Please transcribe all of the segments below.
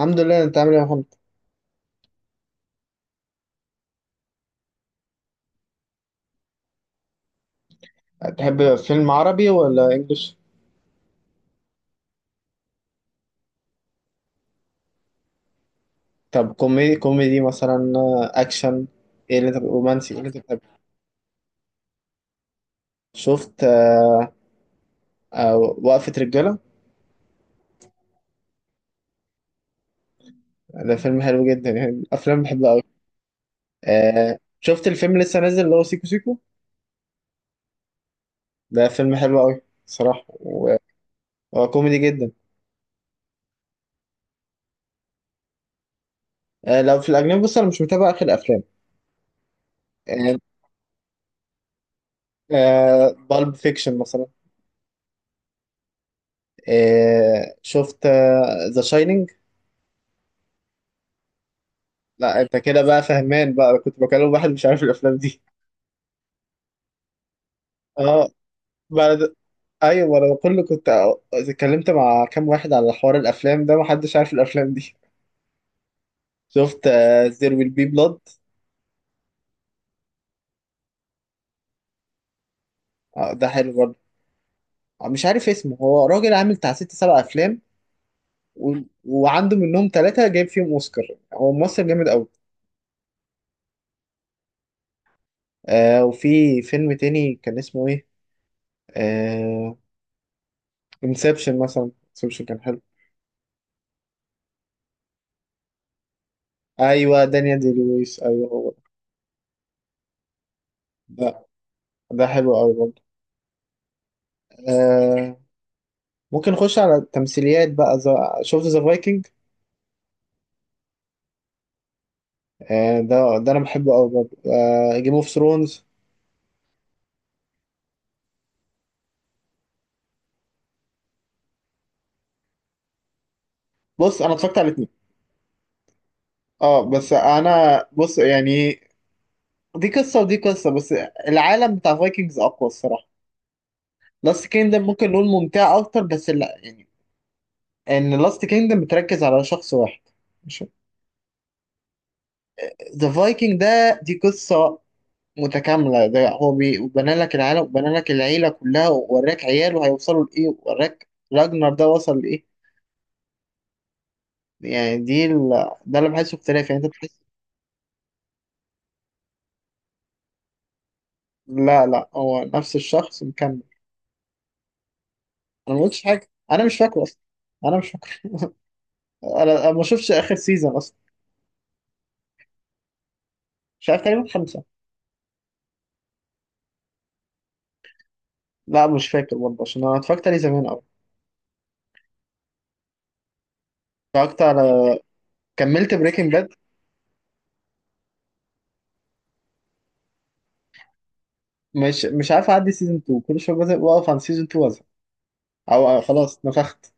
الحمد لله. انت عامل ايه يا محمد؟ تحب فيلم عربي ولا انجليش؟ طب كوميدي كوميدي مثلا، اكشن، ايه اللي انت، رومانسي، ايه اللي انت بتحبه؟ شفت وقفة رجالة؟ ده فيلم حلو جدا، يعني من الافلام اللي بحبها قوي. شفت الفيلم اللي لسه نازل اللي هو سيكو سيكو؟ ده فيلم حلو قوي صراحة، وهو كوميدي جدا. لو في الاجنبي بص انا مش متابع اخر افلام. آه بالب فيكشن مثلا. شفت ذا شاينينج؟ لا انت كده بقى فهمان بقى، انا كنت بكلم واحد مش عارف الافلام دي. اه، بعد، ايوه ما انا كله كنت اتكلمت مع كام واحد على حوار الافلام ده محدش عارف الافلام دي. شفت زير ويل بي بلاد؟ ده حلو برضه. مش عارف اسمه، هو راجل عامل بتاع ست سبع افلام و... وعنده منهم ثلاثة جايب فيهم اوسكار. هو ممثل جامد قوي. وفي فيلم تاني كان اسمه ايه؟ آه انسبشن مثلا، انسبشن كان حلو. ايوه دانيال دي لويس، ايوه هو. ده ده حلو قوي. آه ممكن نخش على التمثيليات بقى. شفت ذا فايكنج؟ آه ده انا بحبه قوي برضه. آه، جيم اوف ثرونز، بص انا اتفرجت على الاثنين. اه بس انا بص يعني دي قصه ودي قصه، بس العالم بتاع فايكنجز اقوى الصراحه. لاست كيندم ممكن نقول ممتع اكتر بس لا يعني، ان لاست كيندم بتركز على شخص واحد. ذا فايكنج ده دي قصه متكامله، ده هو بنى لك العالم وبنى لك العيله كلها، ووراك عياله هيوصلوا لايه، ووراك راجنر ده وصل لإيه. يعني ده اللي بحسه اختلاف، يعني انت بتحس. لا لا، هو نفس الشخص مكمل. انا ما قلتش حاجه، انا مش فاكره اصلا، انا مش فاكره. انا ما شفتش اخر سيزون اصلا. مش عارف، تقريبا خمسه. لا مش فاكر برضه، عشان انا اتفرجت عليه زمان قوي. اتفرجت على كملت بريكنج باد. مش عارف اعدي سيزون 2، كل شويه بزهق واقف عن سيزون 2 وازهق، او خلاص نفخت.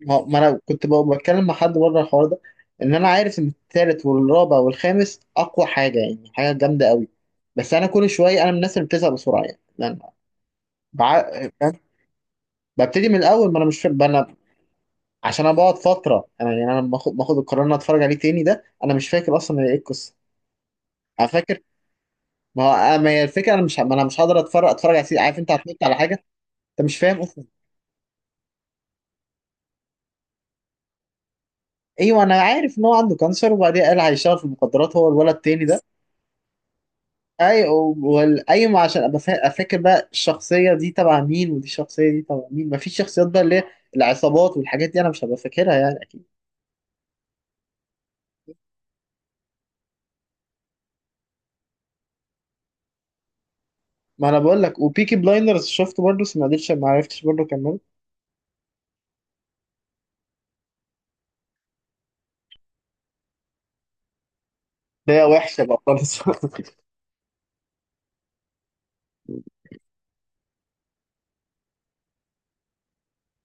ما انا كنت بقى بتكلم مع حد بره الحوار ده، ان انا عارف ان التالت والرابع والخامس اقوى حاجه، يعني حاجه جامده قوي. بس انا كل شويه، انا من الناس اللي بتزهق بسرعه، يعني لأن بع... فاهم؟ ببتدي من الاول، ما انا مش فاهم انا، عشان انا بقعد فتره، انا يعني انا لما باخد القرار ان أنا اتفرج عليه تاني، ده انا مش فاكر اصلا ايه القصه. انا فاكر. ما هو أنا- ما هي الفكره، انا مش ه- ما انا مش هقدر اتفرج على عارف انت هتفوت على حاجه. انت مش فاهم اصلا. ايوه انا عارف ان هو عنده كانسر، وبعدين قال هيشتغل في المخدرات، هو الولد التاني ده. اي والايوه، عشان ابقى فاكر بقى الشخصيه دي تبع مين، ودي الشخصيه دي تبع مين، مفيش شخصيات بقى اللي هي العصابات والحاجات دي انا مش هبقى فاكرها يعني اكيد. ما انا بقول لك، وبيكي بلايندرز شفته برضه بس ما قدرتش، ما عرفتش برضه كملت. ده هي وحشه بقى خالص.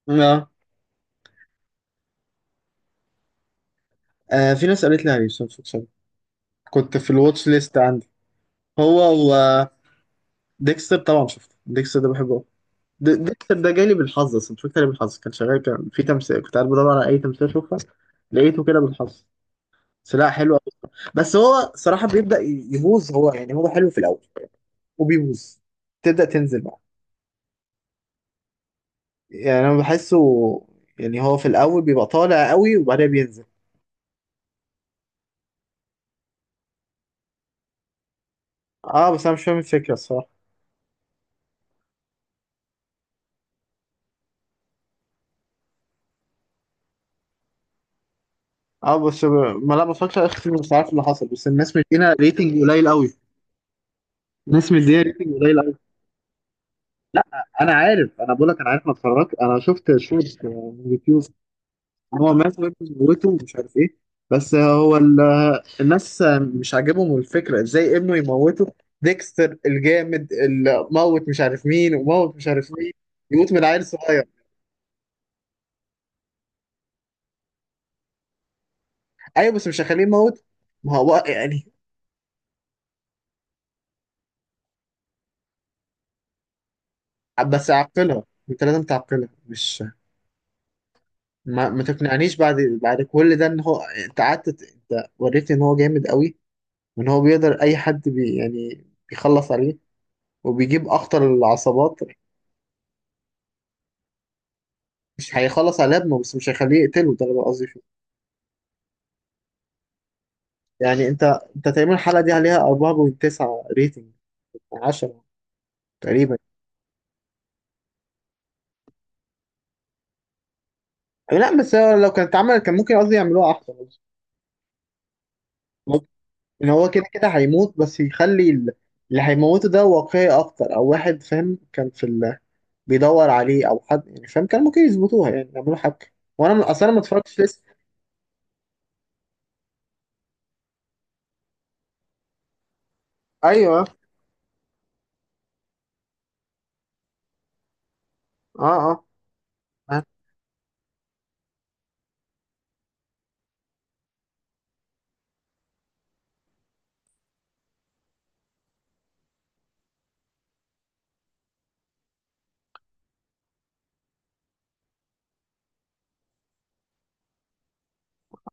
اه في ناس قالت لي عليه بس أنا مش فاكر. كنت في الواتش ليست عندي. هو و ديكستر، طبعا شفته ديكستر ده بحبه أوي. ديكستر ده جالي بالحظ، اصلا مش فاكر، بالحظ كان شغال كان في تمثيل، كنت قاعد بدور على اي تمثيل اشوفها، لقيته كده بالحظ. بس لا حلو. بس هو صراحة بيبدأ يبوظ، هو يعني هو حلو في الأول وبيبوظ، تبدأ تنزل بقى. يعني أنا بحسه، يعني هو في الأول بيبقى طالع قوي وبعدين بينزل. اه بس أنا مش فاهم الفكرة الصراحة. اه بس ب... ما لا بفكرش آخر، مش عارف اللي حصل، بس الناس مدينا ريتنج قليل قوي. الناس مدينا ريتنج قليل قوي. لا أنا عارف، أنا بقول لك أنا عارف، ما اتفرجت، أنا شفت شورت من يوتيوب. هو مات وابنه موته، ومش عارف ايه. بس هو الناس مش عاجبهم الفكرة ازاي ابنه يموته. ديكستر الجامد اللي موت مش عارف مين وموت مش عارف مين يموت من عيل صغير؟ ايوه بس مش هخليه يموت. ما هو يعني، بس عقلها، انت لازم تعقلها، مش ما تقنعنيش بعد، بعد كل ده، ان هو انت قعدت انت وريتني ان هو جامد قوي، وان هو بيقدر اي حد بي، يعني بيخلص عليه، وبيجيب اخطر العصابات. مش هيخلص على ابنه، بس مش هيخليه يقتله، ده اللي قصدي فيه. يعني انت انت تقريبا الحلقه دي عليها 4.9 ريتنج 10 تقريبا. لا بس هو لو كانت اتعملت كان ممكن قصدي يعملوها احسن. ممكن ان هو كده كده هيموت، بس يخلي اللي هيموته ده واقعي اكتر، او واحد فاهم كان في بيدور عليه، او حد يعني فاهم، كان ممكن يظبطوها يعني يعملوا حاجه. اصلا ما اتفرجتش لسه. ايوه. اه اه اه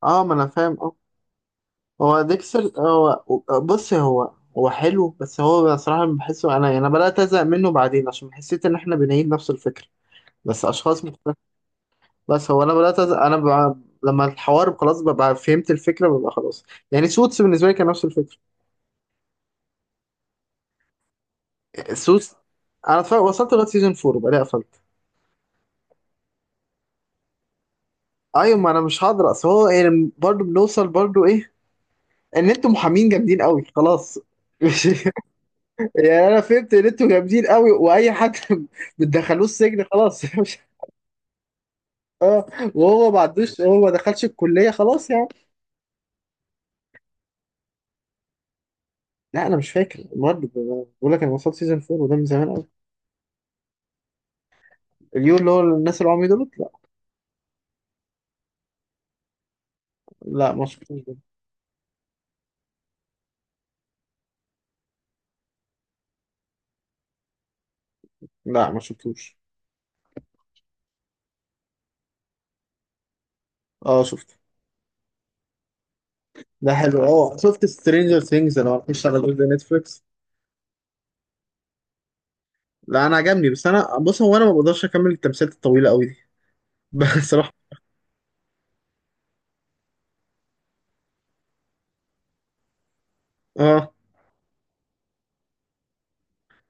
آه ما انا فاهم. اه. هو، بص هو هو حلو، بس هو بصراحة بحسه، أنا بدأت أزهق منه بعدين عشان حسيت إن إحنا بنعيد نفس الفكرة بس أشخاص مختلفة. بس هو أنا بدأت أزهق أنا بقى، لما الحوار خلاص ببقى فهمت الفكرة ببقى خلاص. يعني سوتس بالنسبة لي كان نفس الفكرة. سوتس، أنا اتفرج، وصلت لغاية سيزون فور وبعدين قفلت. أيوة، ما أنا مش هقدر، أصل هو يعني برضه بنوصل برضه إيه، إن أنتوا محامين جامدين قوي، خلاص. مش يعني، أنا فهمت إن أنتوا جامدين قوي وأي حد بتدخلوه السجن خلاص. اه، وهو ما عندوش، هو ما دخلش الكليه خلاص يعني. لا انا مش فاكر، المهم بقول لك انا وصلت سيزون 4 وده من زمان قوي. اليو اللي هو الناس العمي دول؟ لا. لا ما شفتوش ده. لا ما شفتوش. اه شفته، ده حلو. اه شفت سترينجر ثينجز، انا ما اعرفش على جزء نتفليكس. لا انا عجبني بس انا بص، هو انا ما بقدرش اكمل التمثيلات الطويله قوي دي بصراحه. اه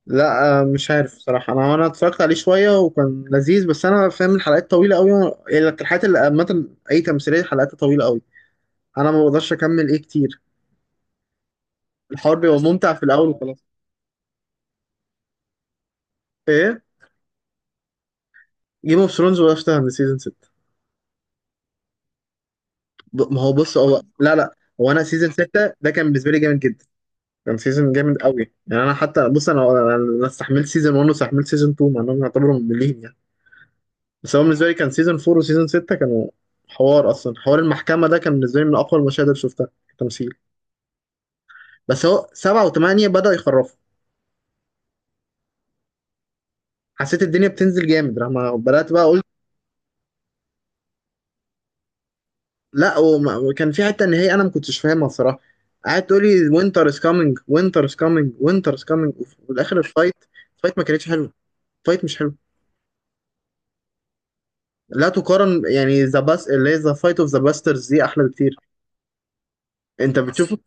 لا، مش عارف صراحة، أنا اتفرجت عليه شوية وكان لذيذ، بس أنا فاهم الحلقات طويلة أوي، يعني الحلقات اللي عامة أي تمثيلية حلقاتها طويلة أوي، انا ما بقدرش اكمل ايه كتير. الحوار بيبقى ممتع في الاول وخلاص. ايه، جيم اوف ثرونز وقفتها عند سيزون 6. ما هو بص، هو لا هو انا سيزون 6 ده كان بالنسبه لي جامد جدا، كان سيزون جامد قوي. يعني انا حتى بص، انا استحملت سيزون 1 واستحملت سيزون 2، مع انهم يعتبروا مملين يعني. بس هو بالنسبه لي كان سيزون 4 وسيزون 6 كانوا حوار، اصلا حوار المحكمه ده كان بالنسبه لي من اقوى المشاهد اللي شفتها تمثيل. بس هو 7 و8 بدأوا يخرفوا، حسيت الدنيا بتنزل جامد لما بدأت بقى اقول. لا وكان في حته ان هي انا ما كنتش فاهمها الصراحه، قعدت تقول لي وينتر از كامينج، وينتر از كامينج، وينتر از كامينج، وفي الاخر الفايت، الفايت ما كانتش حلوه، الفايت مش حلو. لا تقارن، يعني ذا باس اللي هي ذا فايت اوف ذا باسترز دي احلى بكتير. انت بتشوف،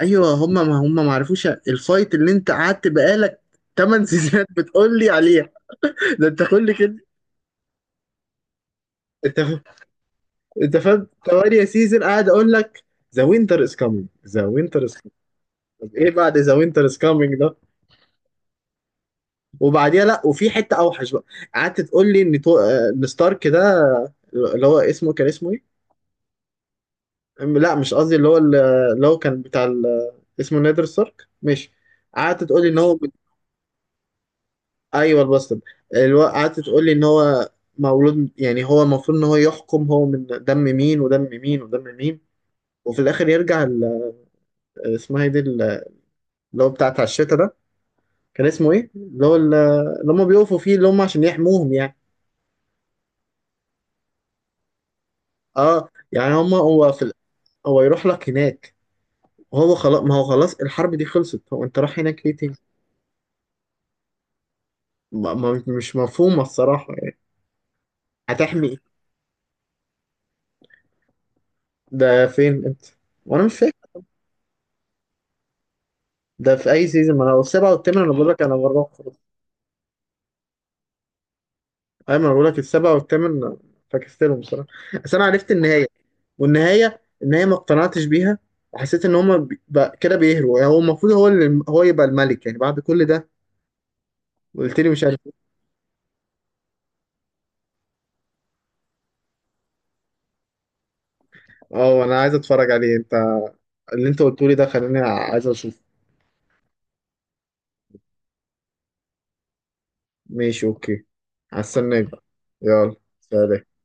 ايوه هم، ما عرفوش الفايت، اللي انت قعدت بقالك 8 سيزونات بتقول لي عليها. ده انت كل كده، انت انت فاهم، 8 سيزون قاعد اقول لك ذا وينتر از كامينج، ذا وينتر از كامينج، ايه بعد ذا وينتر از كامينج؟ وبعديها لا وفي حته اوحش بقى، قعدت تقول لي ان تو... آه، ان ستارك ده اللي هو اسمه كان اسمه ايه؟ لا مش قصدي اللي هو كان بتاع اسمه نادر ستارك ماشي. قعدت تقول لي ان هو، ايوه الباسترد، قعدت تقول لي ان هو مولود، يعني هو المفروض ان هو يحكم، هو من دم مين ودم مين ودم مين، وفي الاخر يرجع اسمها ايه دي اللي هو بتاع الشتا ده، كان اسمه ايه؟ اللي هم بيقفوا فيه، اللي هم عشان يحموهم يعني. اه، يعني هم، هو يروح لك هناك، وهو خلاص، ما هو خلاص الحرب دي خلصت، هو انت رايح هناك ليه تاني؟ مش مفهومة الصراحة يعني. هتحمي ايه؟ ده فين انت؟ وانا مش فاكر. ده في اي سيزون؟ ما انا السبعة والثامن انا بقول لك انا بروح خلاص. ايوه ما انا بقول لك السبعة والثامن فكستلهم بصراحة. بس انا عرفت النهاية، والنهاية ما اقتنعتش بيها، وحسيت ان هما بقى كده بيهروا يعني، هو المفروض هو اللي هو يبقى الملك يعني بعد كل ده؟ قلت لي مش عارف. اه، انا عايز اتفرج عليه. انت اللي انت قلته لي ده خلاني عايز اشوفه. ماشي، اوكي، هستناك بقى. يلا سلام.